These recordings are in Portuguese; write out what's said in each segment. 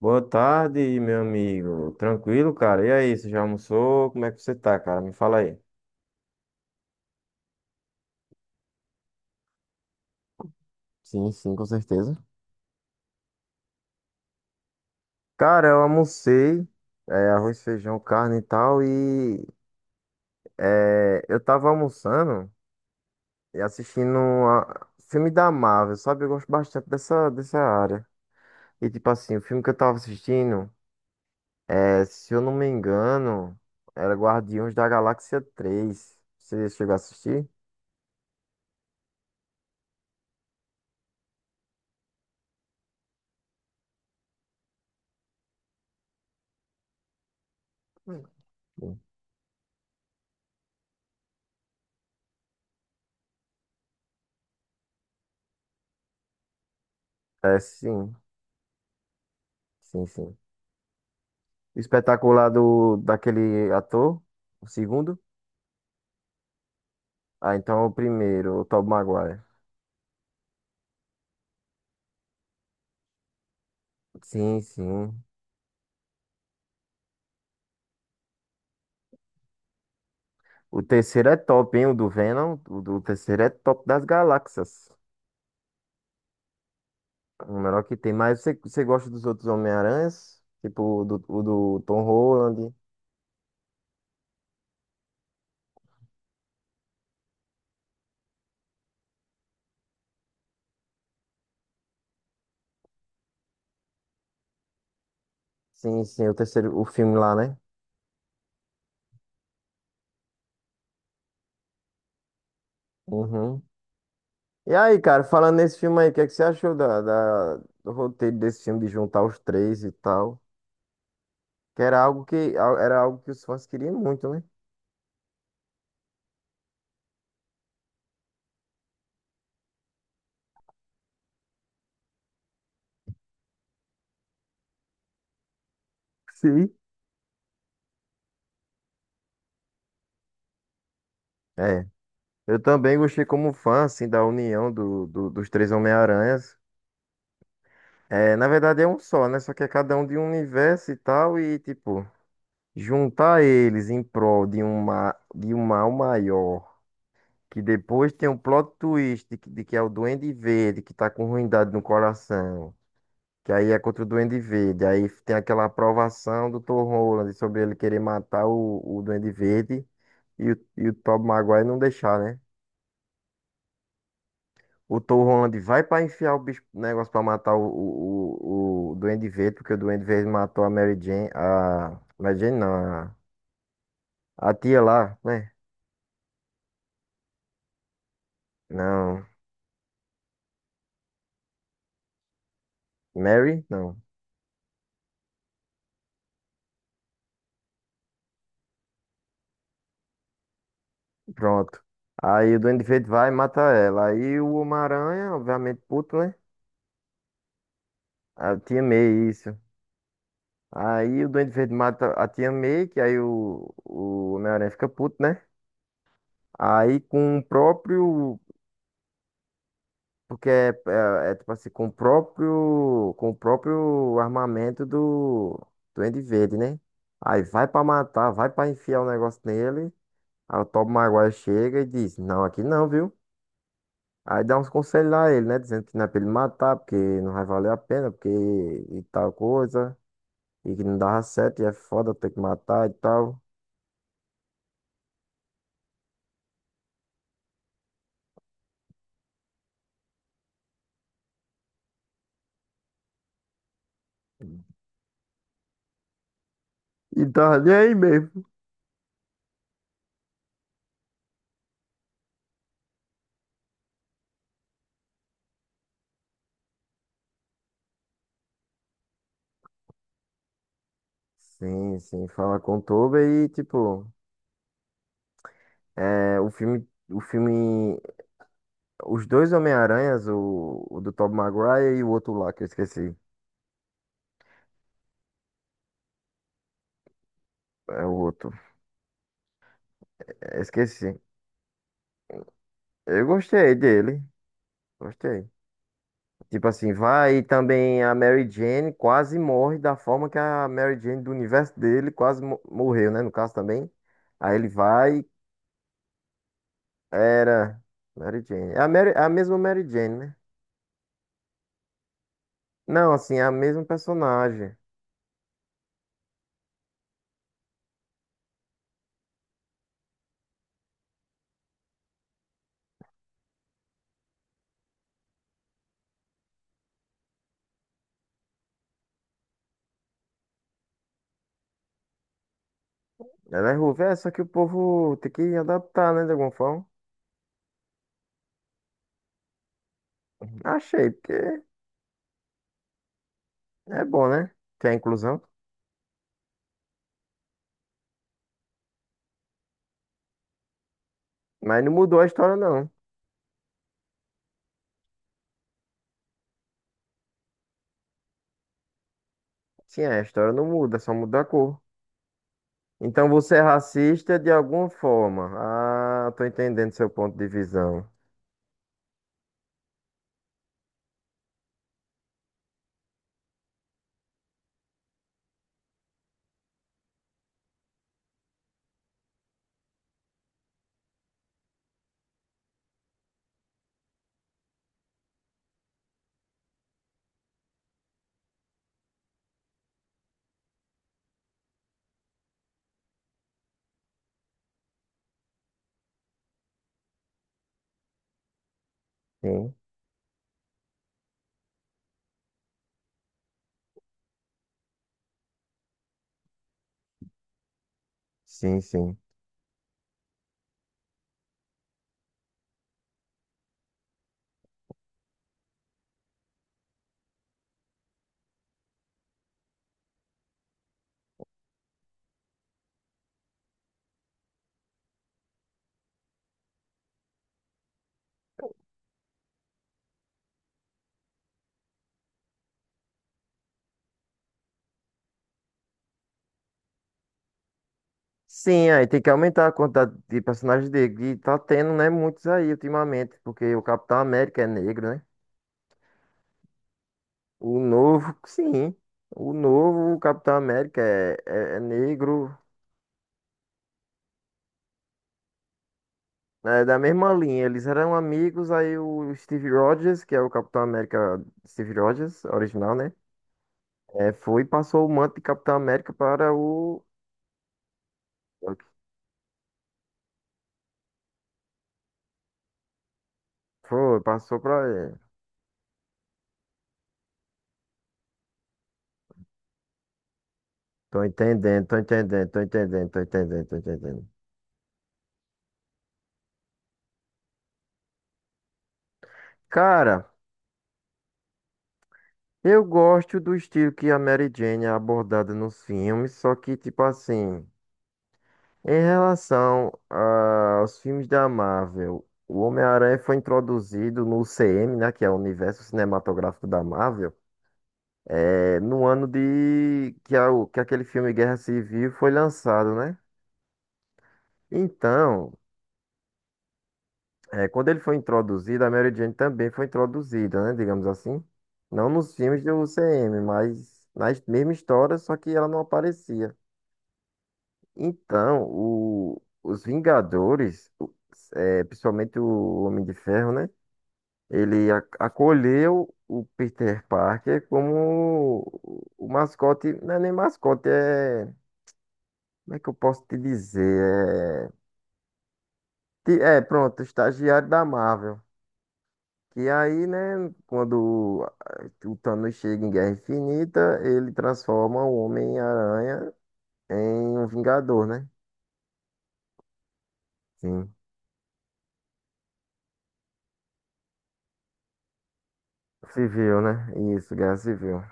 Boa tarde, meu amigo. Tranquilo, cara? E aí, você já almoçou? Como é que você tá, cara? Me fala aí. Sim, sim, com certeza. Cara, eu almocei, arroz, feijão, carne e tal, e eu tava almoçando e assistindo a filme da Marvel, sabe? Eu gosto bastante dessa área. E tipo assim, o filme que eu tava assistindo, se eu não me engano, era Guardiões da Galáxia 3. Você chegou a assistir? Sim. É, sim. Espetacular daquele ator? O segundo? Ah, então é o primeiro, o Tobey Maguire. Sim, sim. O terceiro é top, hein? O do Venom. O do terceiro é top das galáxias. O melhor que tem. Mas você gosta dos outros Homem-Aranhas? Tipo o do Tom Holland. Sim, sim, o terceiro, o filme lá, né? Uhum. E aí, cara, falando nesse filme aí, o que é que você achou do roteiro desse filme, de juntar os três e tal? Que era algo era algo que os fãs queriam muito, né? Sim. É, eu também gostei como fã, assim, da união dos três Homem-Aranhas. É, na verdade é um só, né? Só que é cada um de um universo e tal, e tipo, juntar eles em prol de um mal maior, que depois tem um plot twist que de que é o Duende Verde, que tá com ruindade no coração, que aí é contra o Duende Verde, aí tem aquela aprovação do Tom Holland sobre ele querer matar o Duende Verde e o Tobey Maguire não deixar, né? O Tom Holland vai pra enfiar o bicho, negócio pra matar o Duende Verde, porque o Duende Verde matou a Mary Jane não, a tia lá, né? Não, Mary? Não, pronto. Aí o Duende Verde vai e mata ela. Aí o Homem-Aranha, obviamente puto, né? A tia May, isso. Aí o Duende Verde mata a tia May, que aí o Homem-Aranha fica puto, né? Aí com o próprio. Porque é, tipo assim, com o próprio armamento do Duende Verde, né? Aí vai pra matar, vai pra enfiar o negócio nele. Aí o Tobey Maguire chega e diz, não, aqui não, viu? Aí dá uns conselhos a ele, né? Dizendo que não é pra ele matar, porque não vai valer a pena, porque e tal coisa. E que não dava certo, e é foda ter que matar e tal. E tá nem aí mesmo. Sim, sim, fala com o Tobey e, tipo, é, o filme os dois Homem-Aranhas, o do Tobey Maguire e o outro lá, que eu esqueci. É o outro. É, esqueci. Eu gostei dele. Gostei. Tipo assim, vai e também a Mary Jane quase morre da forma que a Mary Jane do universo dele quase morreu, né? No caso também. Aí ele vai, era Mary Jane. É a, Mary, é a mesma Mary Jane, né? Não, assim, é a mesma personagem. Ela é ruiva, é, só que o povo tem que adaptar, né, de alguma forma. Achei, porque é bom, né? Tem a inclusão. Mas não mudou a história, não. Sim, a história não muda, só muda a cor. Então você é racista de alguma forma. Ah, tô entendendo seu ponto de visão. Sim, sim, sim. Sim, aí tem que aumentar a quantidade de personagens negros. E tá tendo, né, muitos aí ultimamente, porque o Capitão América é negro, né? O novo, sim. O novo Capitão América é negro. É da mesma linha. Eles eram amigos, aí o Steve Rogers, que é o Capitão América Steve Rogers, original, né? É, foi e passou o manto de Capitão América para o. Foi, passou para ele. Tô entendendo, tô entendendo. Cara, eu gosto do estilo que a Mary Jane é abordada nos filmes, só que, tipo assim, em relação aos filmes da Marvel, o Homem-Aranha foi introduzido no UCM, né, que é o Universo Cinematográfico da Marvel, é, no ano de que, que aquele filme Guerra Civil foi lançado, né? Então, é, quando ele foi introduzido, a Mary Jane também foi introduzida, né? Digamos assim. Não nos filmes do UCM, mas na mesma história, só que ela não aparecia. Então, os Vingadores, principalmente o Homem de Ferro, né? Ele acolheu o Peter Parker como o mascote. Não é nem mascote, é. Como é que eu posso te dizer? É, pronto, estagiário da Marvel. E aí, né, quando ah, o Thanos chega em Guerra Infinita, ele transforma o Homem-Aranha em um Vingador, né? Sim. Civil, né? Isso, Guerra Civil.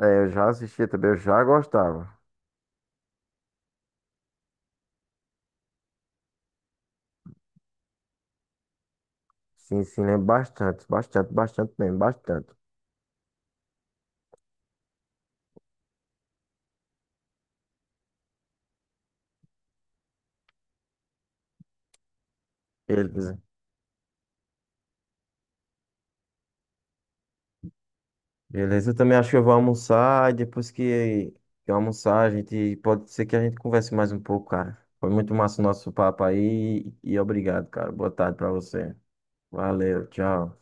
É, eu já assisti também, eu já gostava. Sim, sim, lembro bastante. Beleza. Beleza, eu também acho que eu vou almoçar e depois que eu almoçar, a gente pode ser que a gente converse mais um pouco, cara. Foi muito massa o nosso papo aí e obrigado, cara. Boa tarde pra você. Valeu, tchau.